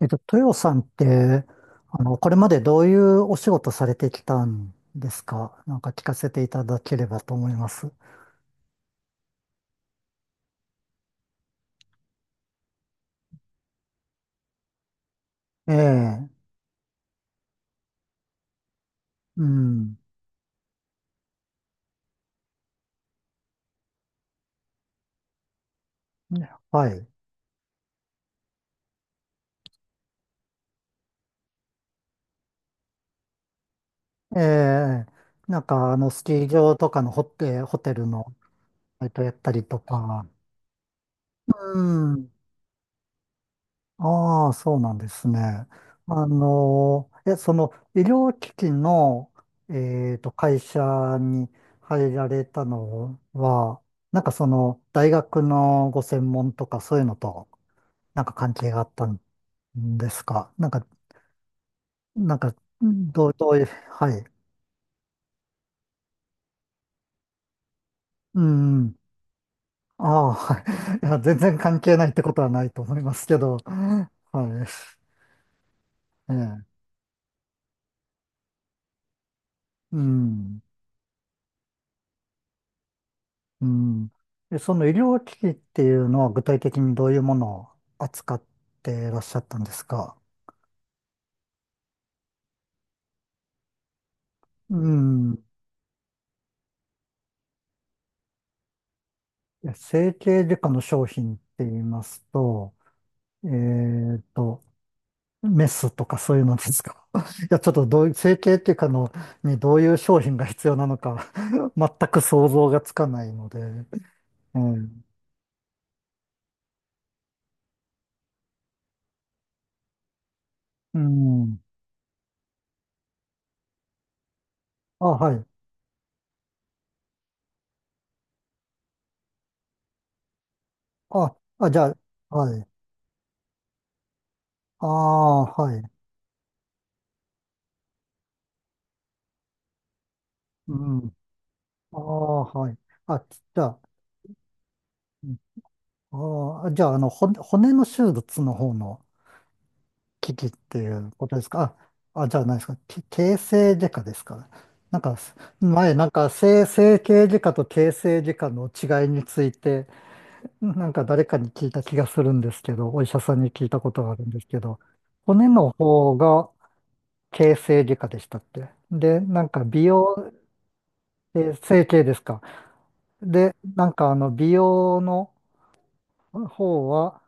豊さんって、これまでどういうお仕事されてきたんですか？なんか聞かせていただければと思います。ええ。うん。はい。ええ、なんか、あの、スキー場とかのホテルのバイトやったりとか。うん。ああ、そうなんですね。あの、え、その医療機器の、会社に入られたのは、なんかその大学のご専門とかそういうのとなんか関係があったんですか？なんか、なんか、どういう、はい。うん。ああ、はい。いや、全然関係ないってことはないと思いますけど。はい。ええ。うん。うん。で、その医療機器っていうのは具体的にどういうものを扱っていらっしゃったんですか？うん。え、整形外科の商品って言いますと、えっと、メスとかそういうのですか？ いや、ちょっとどういう、整形っていうかの、にどういう商品が必要なのか、 全く想像がつかないので。うん。うん。あ、はい。あ、あ、じゃあ、はい。ああ、はい。うん。ああ、はい。あ、じゃあ、ああ、じゃあ、あの、骨の手術の方の機器っていうことですか？あ、あ、じゃあ何ですかけ、形成外科ですか？なんか、前、なんか、整形外科と形成外科の違いについて、なんか誰かに聞いた気がするんですけど、お医者さんに聞いたことがあるんですけど、骨の方が形成外科でしたっけ？で、なんか、美容、えー、整形ですか？で、なんか、あの、美容の方は、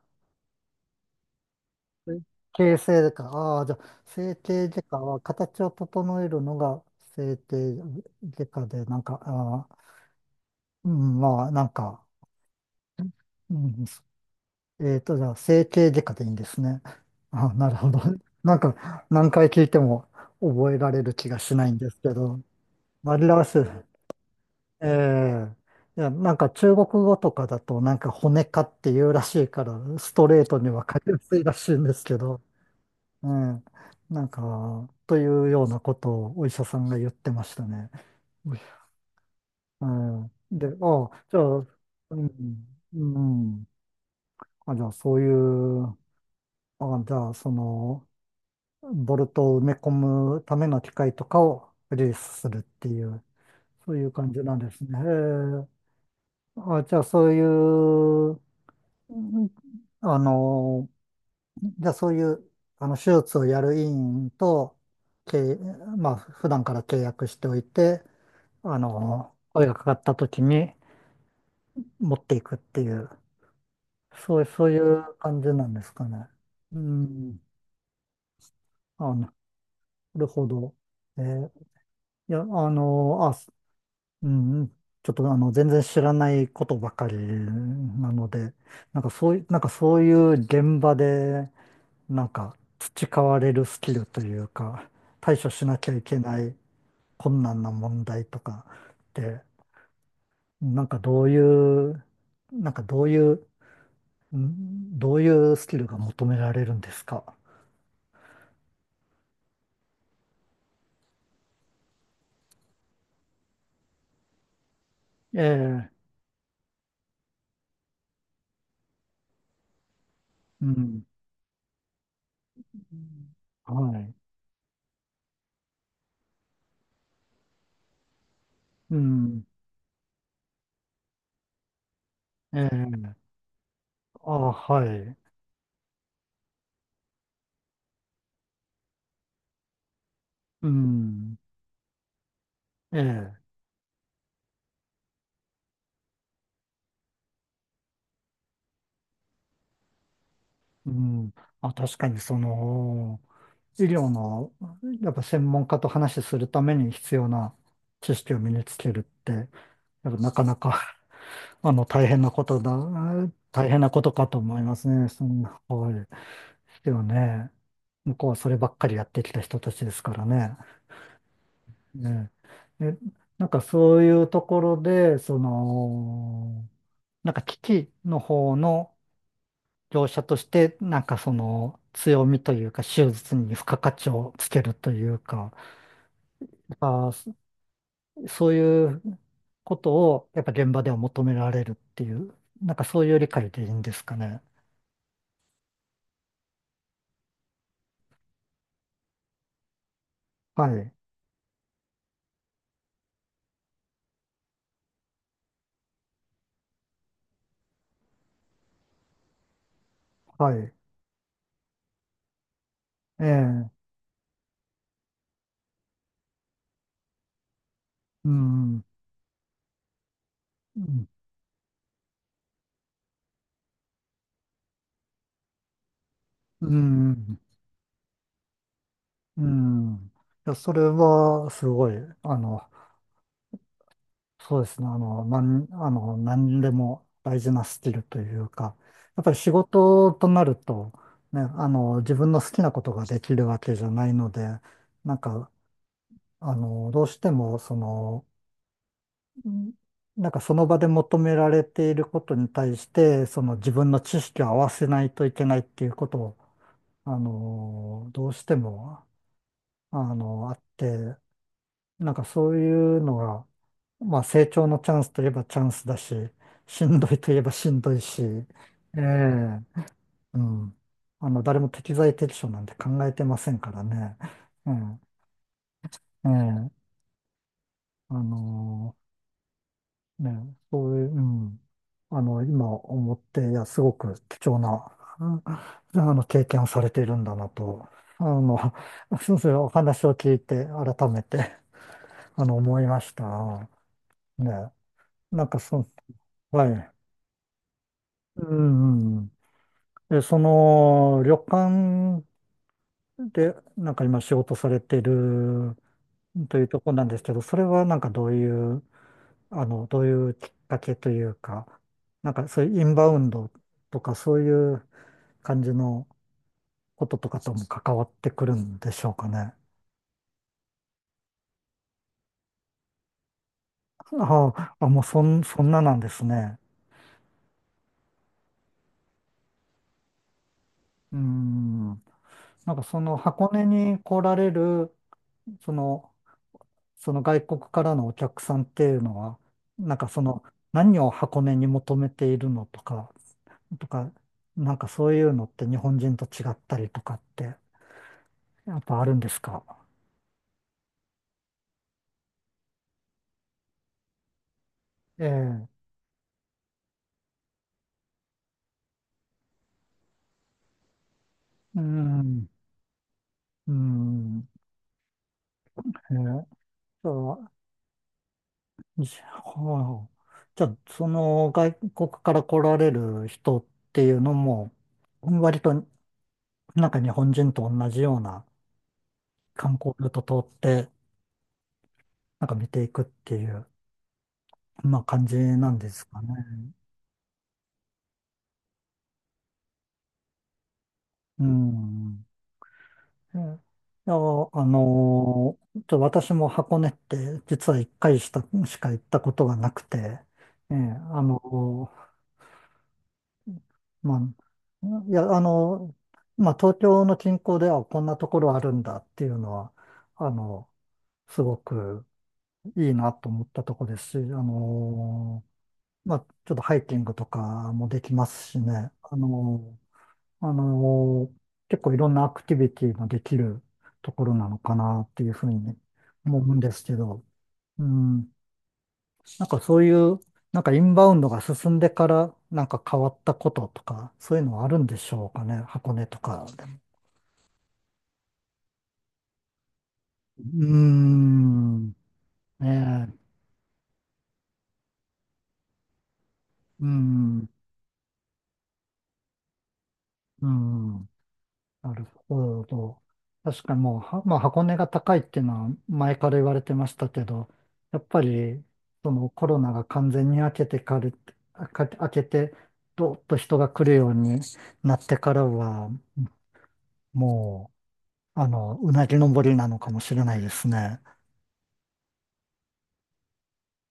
形成でか。ああ、じゃあ、整形外科は形を整えるのが整形外科で、なんか、ああ、うん、まあ、なんか、うん、じゃあ、整形外科でいいんですね。ああ、なるほど。なんか、何回聞いても覚えられる気がしないんですけど、紛らわしい。ええ、いや、なんか中国語とかだと、なんか骨科っていうらしいから、ストレートにわかりやすいらしいんですけど、うん。なんか、というようなことをお医者さんが言ってましたね。ういうん。で、あ、じゃあ、うん、うん。あ、じゃあ、そういう、あ、じゃあ、その、ボルトを埋め込むための機械とかをリリースするっていう、そういう感じなんですね。へえ。あ、じゃあ、そういう、うん、あの、じゃあそういう、あの、手術をやる医院と、け、まあ、普段から契約しておいて、あの、声がかかった時に持っていくっていう、そういう感じなんですかね。うん。あ、なるほど。えー、いや、あの、あ、す、うん、ちょっとあの、全然知らないことばかりなので、なんかそういう、なんかそういう現場で、なんか培われるスキルというか、対処しなきゃいけない困難な問題とかって、なんかどういう、なんかどういう、ん、どういうスキルが求められるんですか？ええ、うん、はい、うん、ええ、あ、はい、うん、ええ、うん、あ、確かにその、医療の、やっぱ専門家と話しするために必要な知識を身につけるって、やっぱなかなか、 あの、大変なことかと思いますね。そんな、はい。でもね、向こうはそればっかりやってきた人たちですからね。ね。で、なんかそういうところで、その、なんか機器の方の業者として、なんかその強みというか、手術に付加価値をつけるというか、やっぱそそういうことをやっぱ現場では求められるっていう、なんかそういう理解でいいんですかね。はい。はい。ええ、うん、うん、うん、うん。いや、それは、すごい、あの、そうですね、あの、あの、何でも大事なスキルというか、やっぱり仕事となると、ね、あの、自分の好きなことができるわけじゃないので、なんか、あの、どうしても、その、うん、なんかその場で求められていることに対して、その自分の知識を合わせないといけないっていうことを、あの、どうしても、あの、あって、なんかそういうのが、まあ成長のチャンスといえばチャンスだし、しんどいといえばしんどいし、ええ、うん。あの、誰も適材適所なんて考えてませんからね。うん、ええ、あの、ね、そういう、うん。あの、今思って、いや、すごく貴重な、うん、あの、経験をされているんだなと、あの、そうそう、お話を聞いて、改めて。あの、思いました。ね。なんかそ、はい。うんうん。で、その、旅館で、なんか今仕事されてるというところなんですけど、それはなんかどういう、あの、どういうきっかけというか、なんかそういうインバウンドとかそういう感じのこととかとも関わってくるんでしょうかね。ああ、もうそんななんですね。うん。なんかその箱根に来られる、その、その外国からのお客さんっていうのは、なんかその何を箱根に求めているのとか、とか、なんかそういうのって日本人と違ったりとかってやっぱあるんですか？ええ、うん、うん、ええ、そう、じゃあ、はあ、じゃあその外国から来られる人っていうのも、割となんか日本人と同じような観光ルート通って、なんか見ていくっていう。まあ感じなんですかね。うん、え、いや、あのー、ちょ、私も箱根って実は一回したしか行ったことがなくて、ええ、あのー、まあ、いや、あのー、まあ東京の近郊ではこんなところあるんだっていうのは、あの、すごくいいなと思ったところですし、あのー、まあ、ちょっとハイキングとかもできますしね、あの、あのー、結構いろんなアクティビティができるところなのかなっていうふうに思うんですけど、うん、なんかそういう、なんかインバウンドが進んでから、なんか変わったこととか、そういうのはあるんでしょうかね、箱根とかでも。うーん、ねえ、うん、うん。なるほど。確かにもう、はまあ、箱根が高いっていうのは前から言われてましたけど、やっぱりそのコロナが完全に明けてかる、か明けて、どーっと人が来るようになってからは、もう、あの、うなぎ登りなのかもしれないですね。